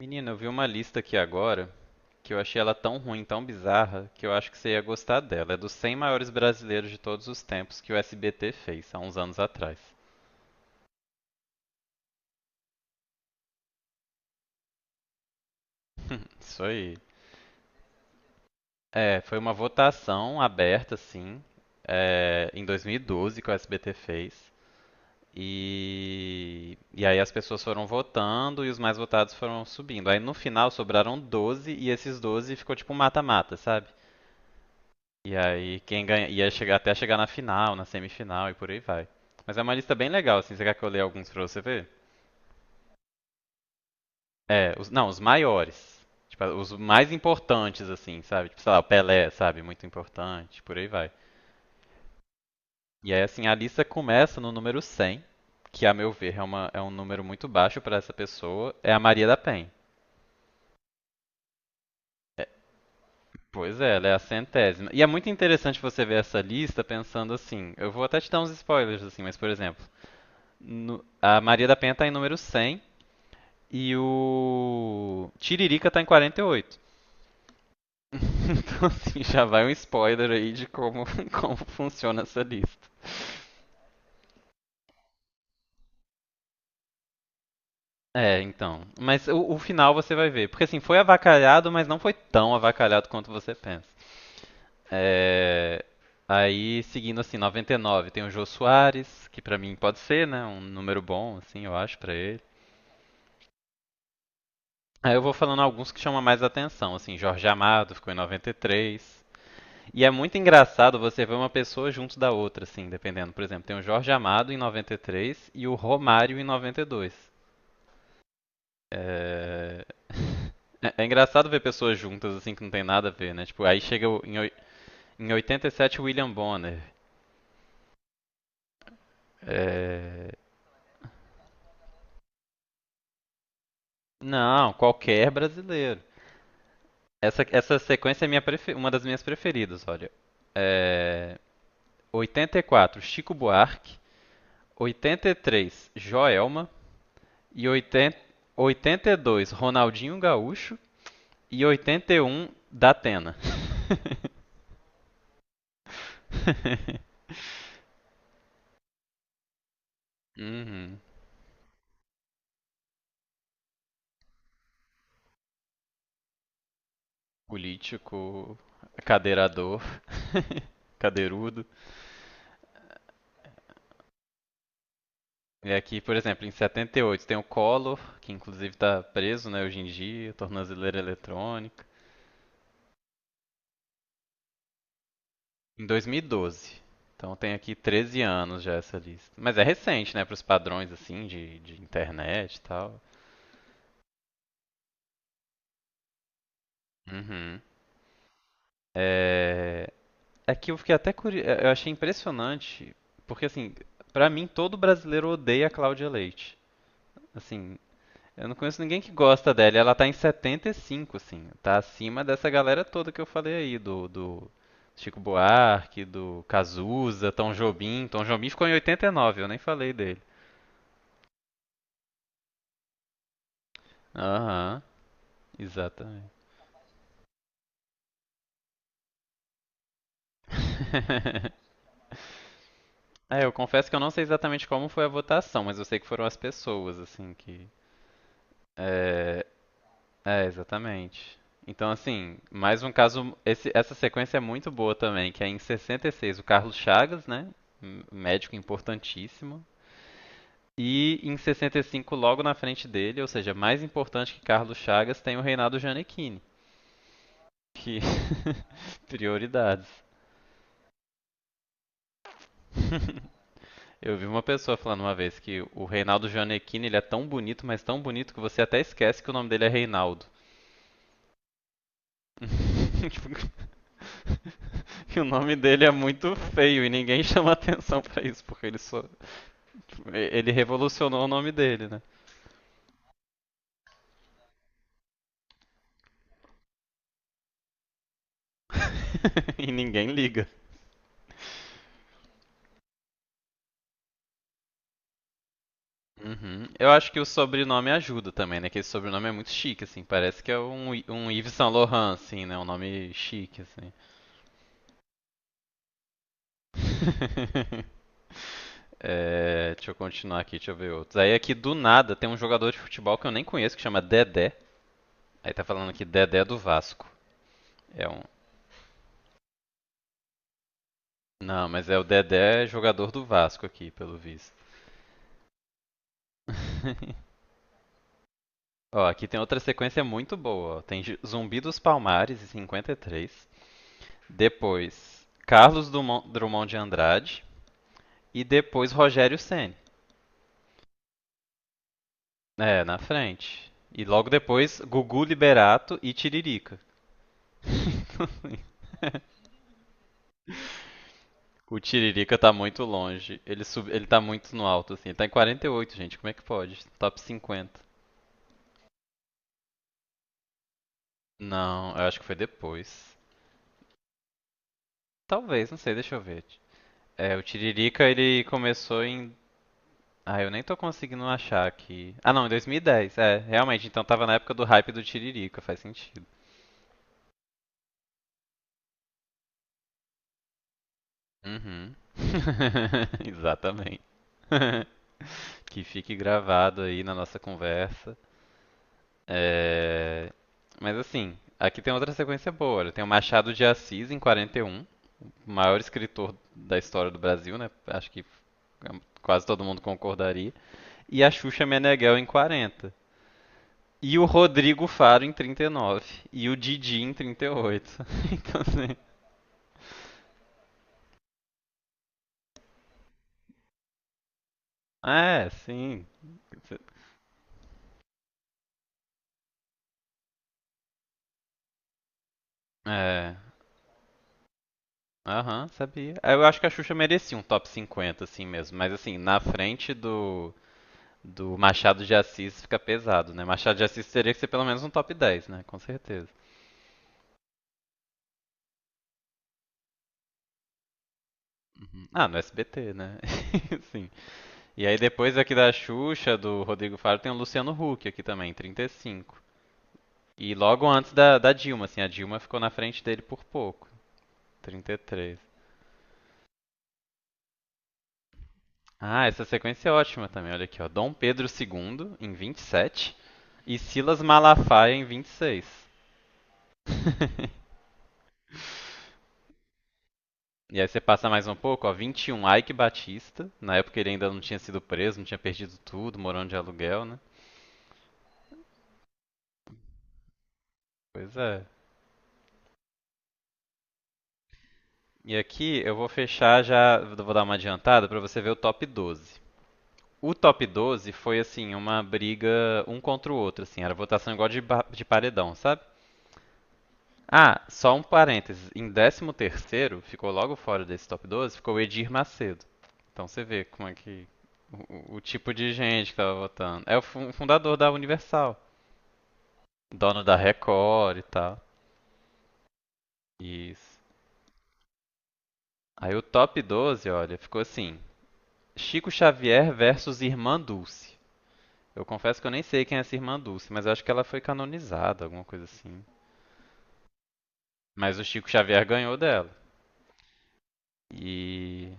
Menina, eu vi uma lista aqui agora que eu achei ela tão ruim, tão bizarra, que eu acho que você ia gostar dela. É dos 100 maiores brasileiros de todos os tempos que o SBT fez, há uns anos atrás. Isso aí. É, foi uma votação aberta, assim, em 2012 que o SBT fez. E aí as pessoas foram votando e os mais votados foram subindo. Aí no final sobraram 12 e esses 12 ficou tipo um mata-mata, sabe? E aí quem ganha ia chegar até chegar na final, na semifinal e por aí vai. Mas é uma lista bem legal, assim. Você quer que eu leia alguns pra você ver? É, os, não, os maiores. Tipo, os mais importantes, assim, sabe? Tipo, sei lá, o Pelé, sabe? Muito importante, por aí vai. E aí, assim, a lista começa no número 100, que a meu ver é um número muito baixo pra essa pessoa. É a Maria da Penha. É, pois é, ela é a centésima. E é muito interessante você ver essa lista pensando assim. Eu vou até te dar uns spoilers, assim, mas, por exemplo, a Maria da Penha tá em número 100. E o Tiririca tá em 48. Então, assim, já vai um spoiler aí de como, como funciona essa lista. É, então. Mas o final você vai ver. Porque, assim, foi avacalhado, mas não foi tão avacalhado quanto você pensa. É. Aí, seguindo, assim, 99, tem o Jô Soares, que pra mim pode ser, né? Um número bom, assim, eu acho, pra ele. Aí eu vou falando alguns que chamam mais atenção, assim, Jorge Amado ficou em 93. E é muito engraçado você ver uma pessoa junto da outra, assim, dependendo. Por exemplo, tem o Jorge Amado em 93 e três e o Romário em 92. É, é engraçado ver pessoas juntas, assim, que não tem nada a ver, né? Tipo, aí chega em 87 o William Bonner. É, não, qualquer brasileiro. Essa sequência é uma das minhas preferidas, olha. É, 84, Chico Buarque. 83, Joelma. E 80... 82, Ronaldinho Gaúcho. E 81 da Atena. Uhum. Político, cadeirador, cadeirudo. E aqui, por exemplo, em 78 tem o Collor, que inclusive está preso, né, hoje em dia, tornozeleira eletrônica. Em 2012. Então tem aqui 13 anos já essa lista. Mas é recente, né, para os padrões, assim, de internet e tal. Uhum. É, É que eu fiquei até curioso, eu achei impressionante, porque, assim, pra mim todo brasileiro odeia a Cláudia Leite. Assim, eu não conheço ninguém que gosta dela, e ela tá em 75, assim, tá acima dessa galera toda que eu falei aí, do Chico Buarque, do Cazuza, Tom Jobim. Tom Jobim ficou em 89, eu nem falei dele. Aham, exatamente. É, eu confesso que eu não sei exatamente como foi a votação, mas eu sei que foram as pessoas, assim, que. É, É, exatamente. Então, assim, mais um caso. Essa sequência é muito boa também, que é em 66 o Carlos Chagas, né? Um médico importantíssimo. E em 65, logo na frente dele, ou seja, mais importante que Carlos Chagas, tem o Reinaldo Gianecchini. Que. Prioridades. Eu vi uma pessoa falando uma vez que o Reinaldo Gianecchini, ele é tão bonito, mas tão bonito, que você até esquece que o nome dele é Reinaldo. E o nome dele é muito feio e ninguém chama atenção pra isso, porque ele só. Tipo, ele revolucionou o nome dele, né? E ninguém liga. Uhum. Eu acho que o sobrenome ajuda também, né? Que esse sobrenome é muito chique, assim. Parece que é um Yves Saint Laurent, assim, né? Um nome chique, assim. É, deixa eu continuar aqui, deixa eu ver outros. Aí aqui do nada tem um jogador de futebol que eu nem conheço que chama Dedé. Aí tá falando aqui Dedé do Vasco. É um, Não, mas é o Dedé jogador do Vasco aqui, pelo visto. Ó, aqui tem outra sequência muito boa. Ó. Tem Zumbi dos Palmares, em 53. Depois, Carlos Drummond de Andrade. E depois, Rogério Ceni. É, na frente. E logo depois, Gugu Liberato e Tiririca. O Tiririca tá muito longe. Ele tá muito no alto, assim. Ele tá em 48, gente. Como é que pode? Top 50. Não, eu acho que foi depois. Talvez, não sei, deixa eu ver. É, o Tiririca ele começou em. Ah, eu nem tô conseguindo achar aqui. Ah, não, em 2010. É, realmente, então tava na época do hype do Tiririca, faz sentido. Uhum. Exatamente. Que fique gravado aí na nossa conversa. É. Mas, assim, aqui tem outra sequência boa. Olha, tem o Machado de Assis em 41, o maior escritor da história do Brasil, né? Acho que quase todo mundo concordaria. E a Xuxa Meneghel em 40. E o Rodrigo Faro em 39. E nove. E o Didi em 38. Então, assim. É, sim. É. Aham, uhum, sabia. Eu acho que a Xuxa merecia um top 50, assim mesmo. Mas, assim, na frente do, Machado de Assis fica pesado, né? Machado de Assis teria que ser pelo menos um top 10, né? Com certeza. Uhum. Ah, no SBT, né? Sim. E aí depois aqui da Xuxa, do Rodrigo Faro, tem o Luciano Huck aqui também, 35. E cinco. E logo antes da Dilma, assim, a Dilma ficou na frente dele por pouco. 33. Ah, essa sequência é ótima também. Olha aqui, ó. Dom Pedro II em 27 e Silas Malafaia em 26. E aí você passa mais um pouco, ó, 21, Ike Batista. Na época ele ainda não tinha sido preso, não tinha perdido tudo, morando de aluguel, né? Pois é. E aqui eu vou fechar já, vou dar uma adiantada para você ver o top 12. O top 12 foi assim, uma briga um contra o outro, assim, era votação igual de paredão, sabe? Ah, só um parênteses. Em décimo terceiro, ficou logo fora desse top 12, ficou o Edir Macedo. Então você vê como é que... O tipo de gente que tava votando. É o fundador da Universal. Dono da Record e tal. Isso. Aí o top 12, olha, ficou assim. Chico Xavier versus Irmã Dulce. Eu confesso que eu nem sei quem é essa Irmã Dulce, mas eu acho que ela foi canonizada, alguma coisa assim. Mas o Chico Xavier ganhou dela. E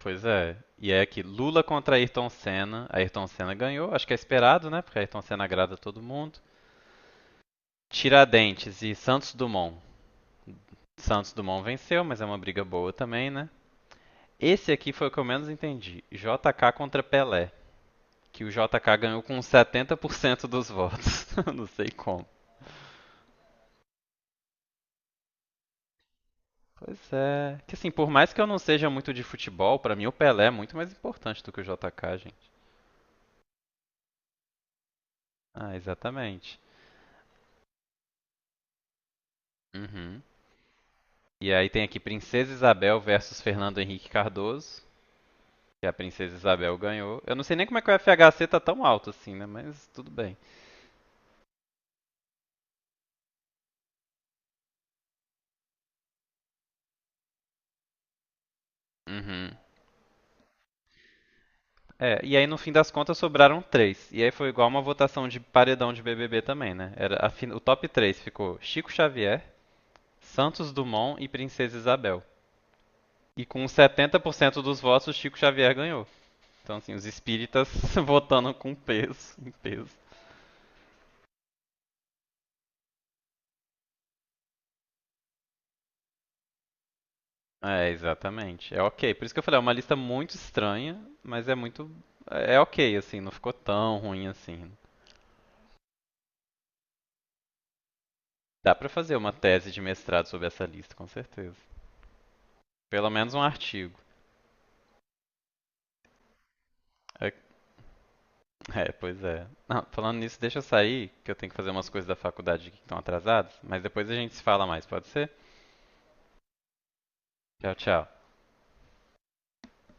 Pois é. E é aqui, Lula contra Ayrton Senna. Ayrton Senna ganhou, acho que é esperado, né? Porque Ayrton Senna agrada todo mundo. Tiradentes e Santos Dumont. Santos Dumont venceu, mas é uma briga boa também, né? Esse aqui foi o que eu menos entendi. JK contra Pelé. Que o JK ganhou com 70% dos votos. Não sei como. Pois é. Que, assim, por mais que eu não seja muito de futebol, pra mim o Pelé é muito mais importante do que o JK, gente. Ah, exatamente. Uhum. E aí tem aqui Princesa Isabel versus Fernando Henrique Cardoso, que a Princesa Isabel ganhou. Eu não sei nem como é que o FHC tá tão alto assim, né? Mas tudo bem. Uhum. É, e aí no fim das contas sobraram três. E aí foi igual uma votação de paredão de BBB também, né? Era a o top 3 ficou Chico Xavier, Santos Dumont e Princesa Isabel. E com 70% dos votos, Chico Xavier ganhou. Então, assim, os espíritas votando com peso, em peso. É, exatamente. É ok. Por isso que eu falei, é uma lista muito estranha, mas é muito. É ok, assim, não ficou tão ruim assim. Dá pra fazer uma tese de mestrado sobre essa lista, com certeza. Pelo menos um artigo. É, é, pois é. Não, falando nisso, deixa eu sair, que eu tenho que fazer umas coisas da faculdade aqui que estão atrasadas, mas depois a gente se fala mais, pode ser? Tchau, tchau.